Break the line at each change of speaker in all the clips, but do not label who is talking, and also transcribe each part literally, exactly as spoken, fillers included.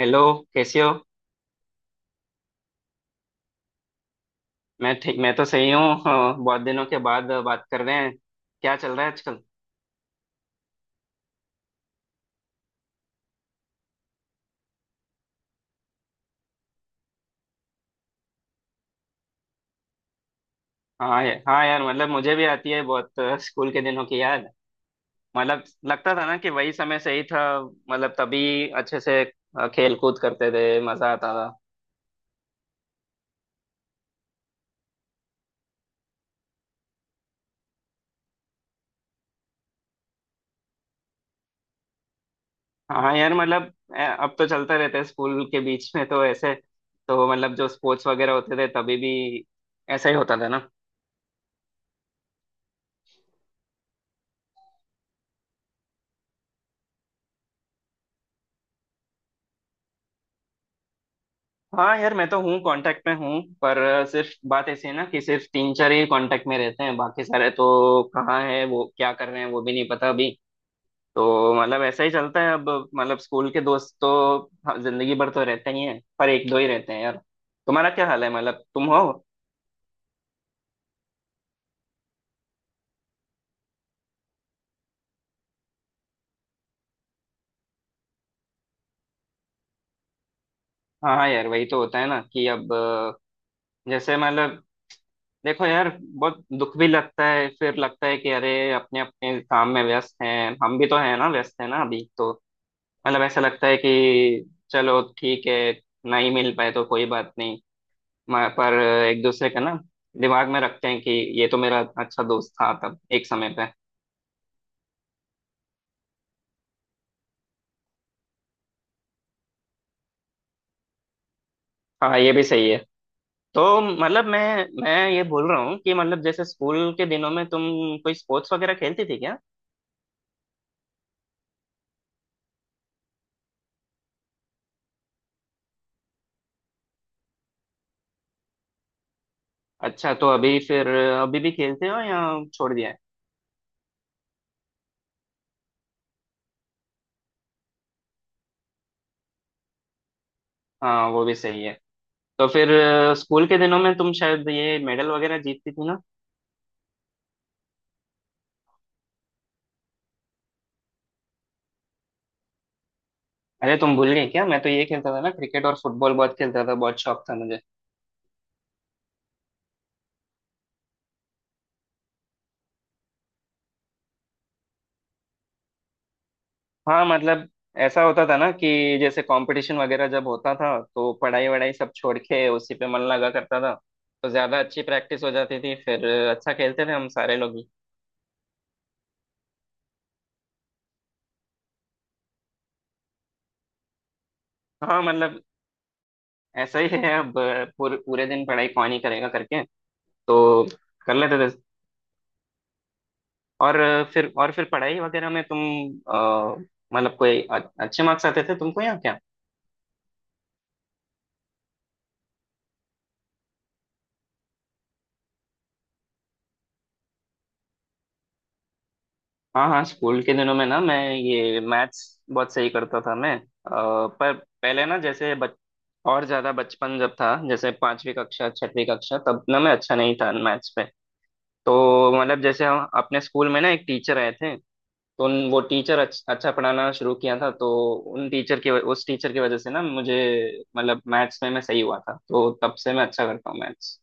Hello. कैसे हो। मैं ठीक मैं तो सही हूँ। हाँ, बहुत दिनों के बाद अ, बात कर रहे हैं। क्या चल रहा है आजकल? हाँ, या- हाँ यार, मतलब मुझे भी आती है बहुत अ, स्कूल के दिनों की याद। मतलब लगता था ना कि वही समय सही था। मतलब तभी अच्छे से अ, खेल कूद करते थे, मजा आता था। हाँ यार, मतलब अ, अब तो चलते रहते हैं स्कूल के बीच में तो ऐसे। तो मतलब जो स्पोर्ट्स वगैरह होते थे तभी भी ऐसा ही होता था ना। हाँ यार, मैं तो हूँ, कांटेक्ट में हूँ, पर सिर्फ बात ऐसी है ना कि सिर्फ तीन चार ही कांटेक्ट में रहते हैं, बाकी सारे तो कहाँ है, वो क्या कर रहे हैं, वो भी नहीं पता अभी। तो मतलब ऐसा ही चलता है अब। मतलब स्कूल के दोस्त तो जिंदगी भर तो रहते ही हैं, पर एक दो ही रहते हैं यार। तुम्हारा क्या हाल है, मतलब तुम हो? हाँ हाँ यार, वही तो होता है ना कि अब अ, जैसे मतलब देखो यार, बहुत दुख भी लगता है, फिर लगता है कि अरे अपने अपने काम में व्यस्त हैं, हम भी तो हैं ना, व्यस्त हैं ना अभी तो। मतलब ऐसा लगता है कि चलो ठीक है, नहीं मिल पाए तो कोई बात नहीं। म- पर एक दूसरे का ना दिमाग में रखते हैं कि ये तो मेरा अच्छा दोस्त था तब, एक समय पे। हाँ, ये भी सही है। तो मतलब मैं मैं ये बोल रहा हूँ कि मतलब जैसे स्कूल के दिनों में तुम कोई स्पोर्ट्स वगैरह खेलती थी क्या? अच्छा, तो अभी फिर अभी भी खेलते हो या छोड़ दिया है? हाँ, वो भी सही है। तो फिर अ, स्कूल के दिनों में तुम शायद ये मेडल वगैरह जीतती थी ना। अरे तुम भूल गए क्या? मैं तो ये खेलता था ना, क्रिकेट और फुटबॉल बहुत खेलता था, बहुत शौक था मुझे। हाँ मतलब ऐसा होता था ना कि जैसे कंपटीशन वगैरह जब होता था तो पढ़ाई वढ़ाई सब छोड़ के उसी पे मन लगा करता था, तो ज्यादा अच्छी प्रैक्टिस हो जाती थी फिर। अच्छा खेलते थे हम सारे लोग ही। हाँ मतलब ऐसा ही है अब, पूरे पूरे दिन पढ़ाई कौन ही करेगा करके। तो कर लेते थे। और फिर और फिर पढ़ाई वगैरह में तुम अ, मतलब कोई अ- अच्छे मार्क्स आते थे तुमको, या क्या? हाँ हाँ, स्कूल के दिनों में ना मैं ये मैथ्स बहुत सही करता था मैं, अ, पर पहले ना जैसे बच, और ज्यादा बचपन जब था, जैसे पांचवी कक्षा छठवीं कक्षा, तब ना मैं अच्छा नहीं था मैथ्स पे। तो मतलब जैसे हम अपने स्कूल में ना एक टीचर आए थे, तो उन वो टीचर अच्छ, अच्छा पढ़ाना शुरू किया था, तो उन टीचर की वज- उस टीचर की वजह से ना मुझे मतलब मैथ्स में मैं सही हुआ था, तो तब से मैं अच्छा करता हूँ मैथ्स।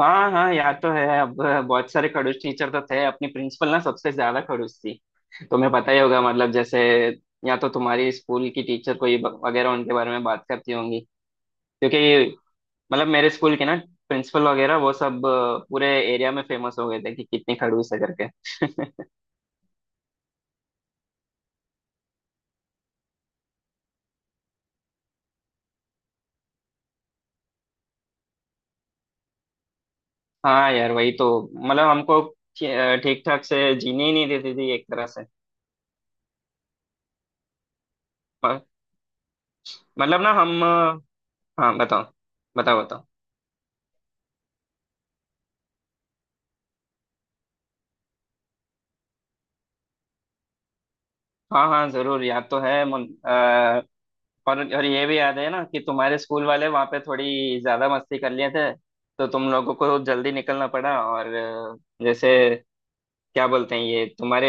हाँ हाँ, याद तो है अब, बहुत सारे खड़ूस टीचर तो थे, अपनी प्रिंसिपल ना सबसे ज्यादा खड़ूस थी। तुम्हें पता ही होगा मतलब, जैसे या तो तुम्हारी स्कूल की टीचर कोई ब- वगैरह उनके बारे में बात करती होंगी, क्योंकि मतलब मेरे स्कूल के ना प्रिंसिपल वगैरह वो सब अ, पूरे एरिया में फेमस हो गए थे कि कितनी खड़ूस है करके। हाँ यार वही तो, मतलब हमको ठीक ठाक से जीने ही नहीं देती थी एक तरह से। पर- मतलब ना हम, अ, हाँ बताओ। बताओ बताओ। हाँ हाँ, जरूर याद तो है, और और ये भी याद है ना कि तुम्हारे स्कूल वाले वहां पे थोड़ी ज्यादा मस्ती कर लिए थे, तो तुम लोगों को जल्दी निकलना पड़ा। और अ, जैसे क्या बोलते हैं, ये तुम्हारे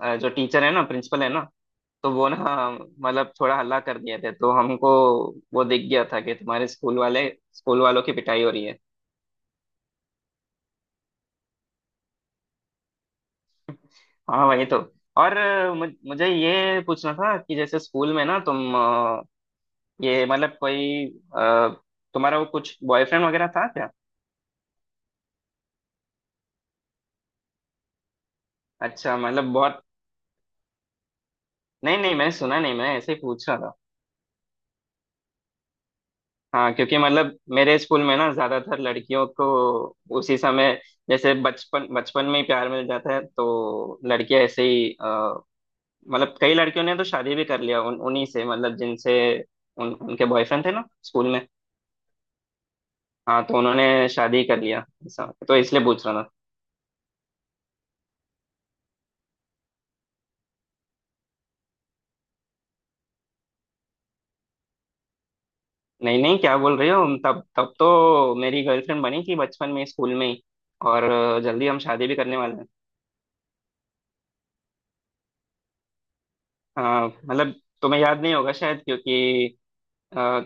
अ, जो टीचर है ना, प्रिंसिपल है ना, तो वो ना मतलब थोड़ा हल्ला कर दिए थे, तो हमको वो दिख गया था कि तुम्हारे स्कूल वाले स्कूल वालों की पिटाई हो रही है। हाँ वही तो। और अ, मुझ- मुझे ये पूछना था कि जैसे स्कूल में ना तुम अ, ये मतलब कोई अ, तुम्हारा वो कुछ बॉयफ्रेंड वगैरह था क्या? अच्छा मतलब बहुत, नहीं नहीं, मैंने सुना नहीं, मैं ऐसे ही पूछा था। हाँ, क्योंकि मतलब मेरे स्कूल में ना ज्यादातर लड़कियों को उसी समय, जैसे बचपन बचपन में ही प्यार मिल जाता है तो लड़कियां ऐसे ही अ, मतलब कई लड़कियों ने तो शादी भी कर लिया उन उन्हीं से, मतलब जिनसे उन उनके बॉयफ्रेंड थे ना स्कूल में। हाँ, तो उन्होंने शादी कर लिया ऐसा, तो इसलिए पूछ रहा था। नहीं नहीं, क्या बोल रही हो? तब तब तो मेरी गर्लफ्रेंड बनी थी बचपन में स्कूल में ही। और अ, जल्दी हम शादी भी करने वाले हैं। हाँ मतलब तुम्हें याद नहीं होगा शायद, क्योंकि अ,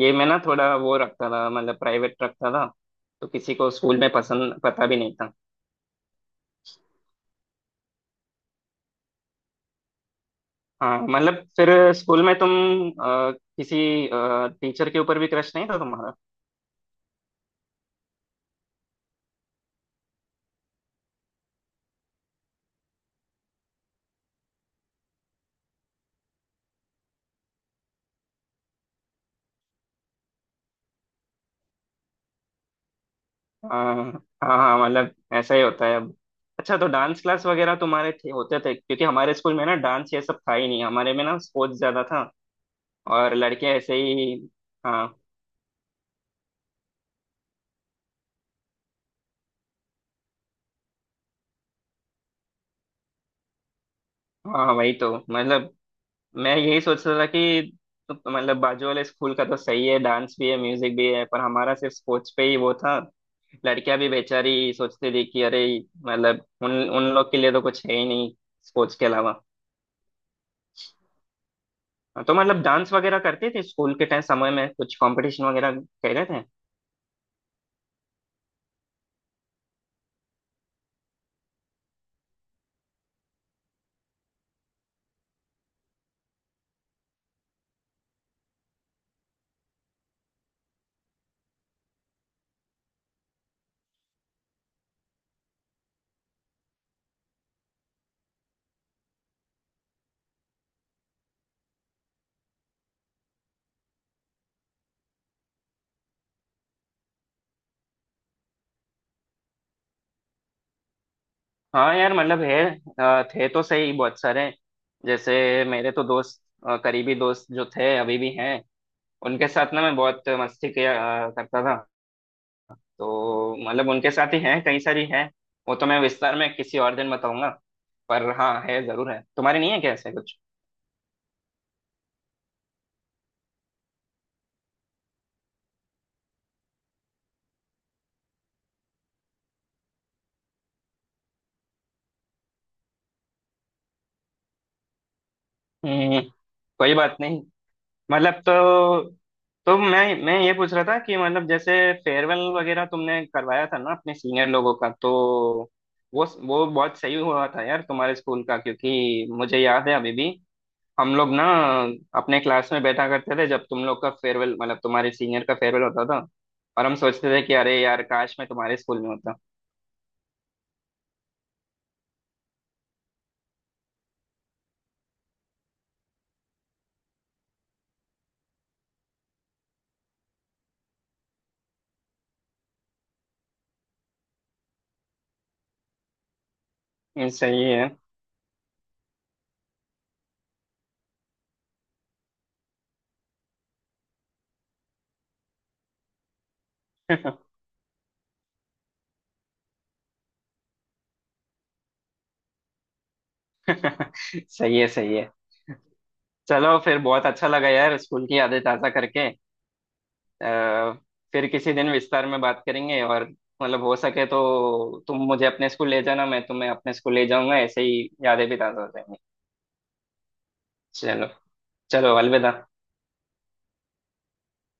ये मैं ना थोड़ा वो रखता था, मतलब प्राइवेट रखता था, तो किसी को स्कूल में पसंद पता भी नहीं था। हाँ मतलब फिर स्कूल में तुम अ, किसी टीचर के ऊपर भी क्रश नहीं था तुम्हारा? अ, हाँ हाँ, मतलब ऐसा ही होता है अब। अच्छा, तो डांस क्लास वगैरह तुम्हारे थे, होते थे, क्योंकि हमारे स्कूल में ना डांस ये सब था ही नहीं, हमारे में ना स्पोर्ट्स ज्यादा था और लड़के ऐसे ही। हाँ हाँ वही तो, मतलब मैं यही सोच रहा था कि तो, तो मतलब बाजू वाले स्कूल का तो सही है, डांस भी है म्यूजिक भी है, पर हमारा सिर्फ स्पोर्ट्स पे ही वो था। लड़कियां भी बेचारी सोचती थी कि अरे, मतलब उन उन लोग के लिए तो कुछ है ही नहीं स्पोर्ट्स के अलावा। हाँ, तो मतलब डांस वगैरह करते थे स्कूल के टाइम समय में, कुछ कंपटीशन वगैरह कह रहे थे। हाँ यार मतलब है, अ, थे तो सही बहुत सारे, जैसे मेरे तो दोस्त, अ, करीबी दोस्त जो थे अभी भी हैं, उनके साथ ना मैं बहुत मस्ती किया, अ, करता था, तो मतलब उनके साथ ही हैं, कई सारी हैं। वो तो मैं विस्तार में किसी और दिन बताऊंगा, पर हाँ है जरूर, है तुम्हारे, नहीं है क्या ऐसा कुछ? हम्म, कोई बात नहीं। मतलब तो, तो मैं मैं ये पूछ रहा था कि मतलब जैसे फेयरवेल वगैरह तुमने करवाया था ना अपने सीनियर लोगों का, तो वो वो बहुत सही हुआ था यार तुम्हारे स्कूल का, क्योंकि मुझे याद है अभी भी हम लोग ना अपने क्लास में बैठा करते थे जब तुम लोग का फेयरवेल, मतलब तुम्हारे सीनियर का फेयरवेल होता था, और हम सोचते थे कि अरे यार, काश मैं तुम्हारे स्कूल में होता। हम्म, सही है। सही है, सही है। चलो फिर, बहुत अच्छा लगा यार स्कूल की यादें ताज़ा करके। आ, फिर किसी दिन विस्तार में बात करेंगे, और मतलब हो सके तो तुम मुझे अपने स्कूल ले जाना, मैं तुम्हें अपने स्कूल ले जाऊंगा, ऐसे ही यादें भी ताज़ा हो जाएंगी। चलो। चलो, अलविदा।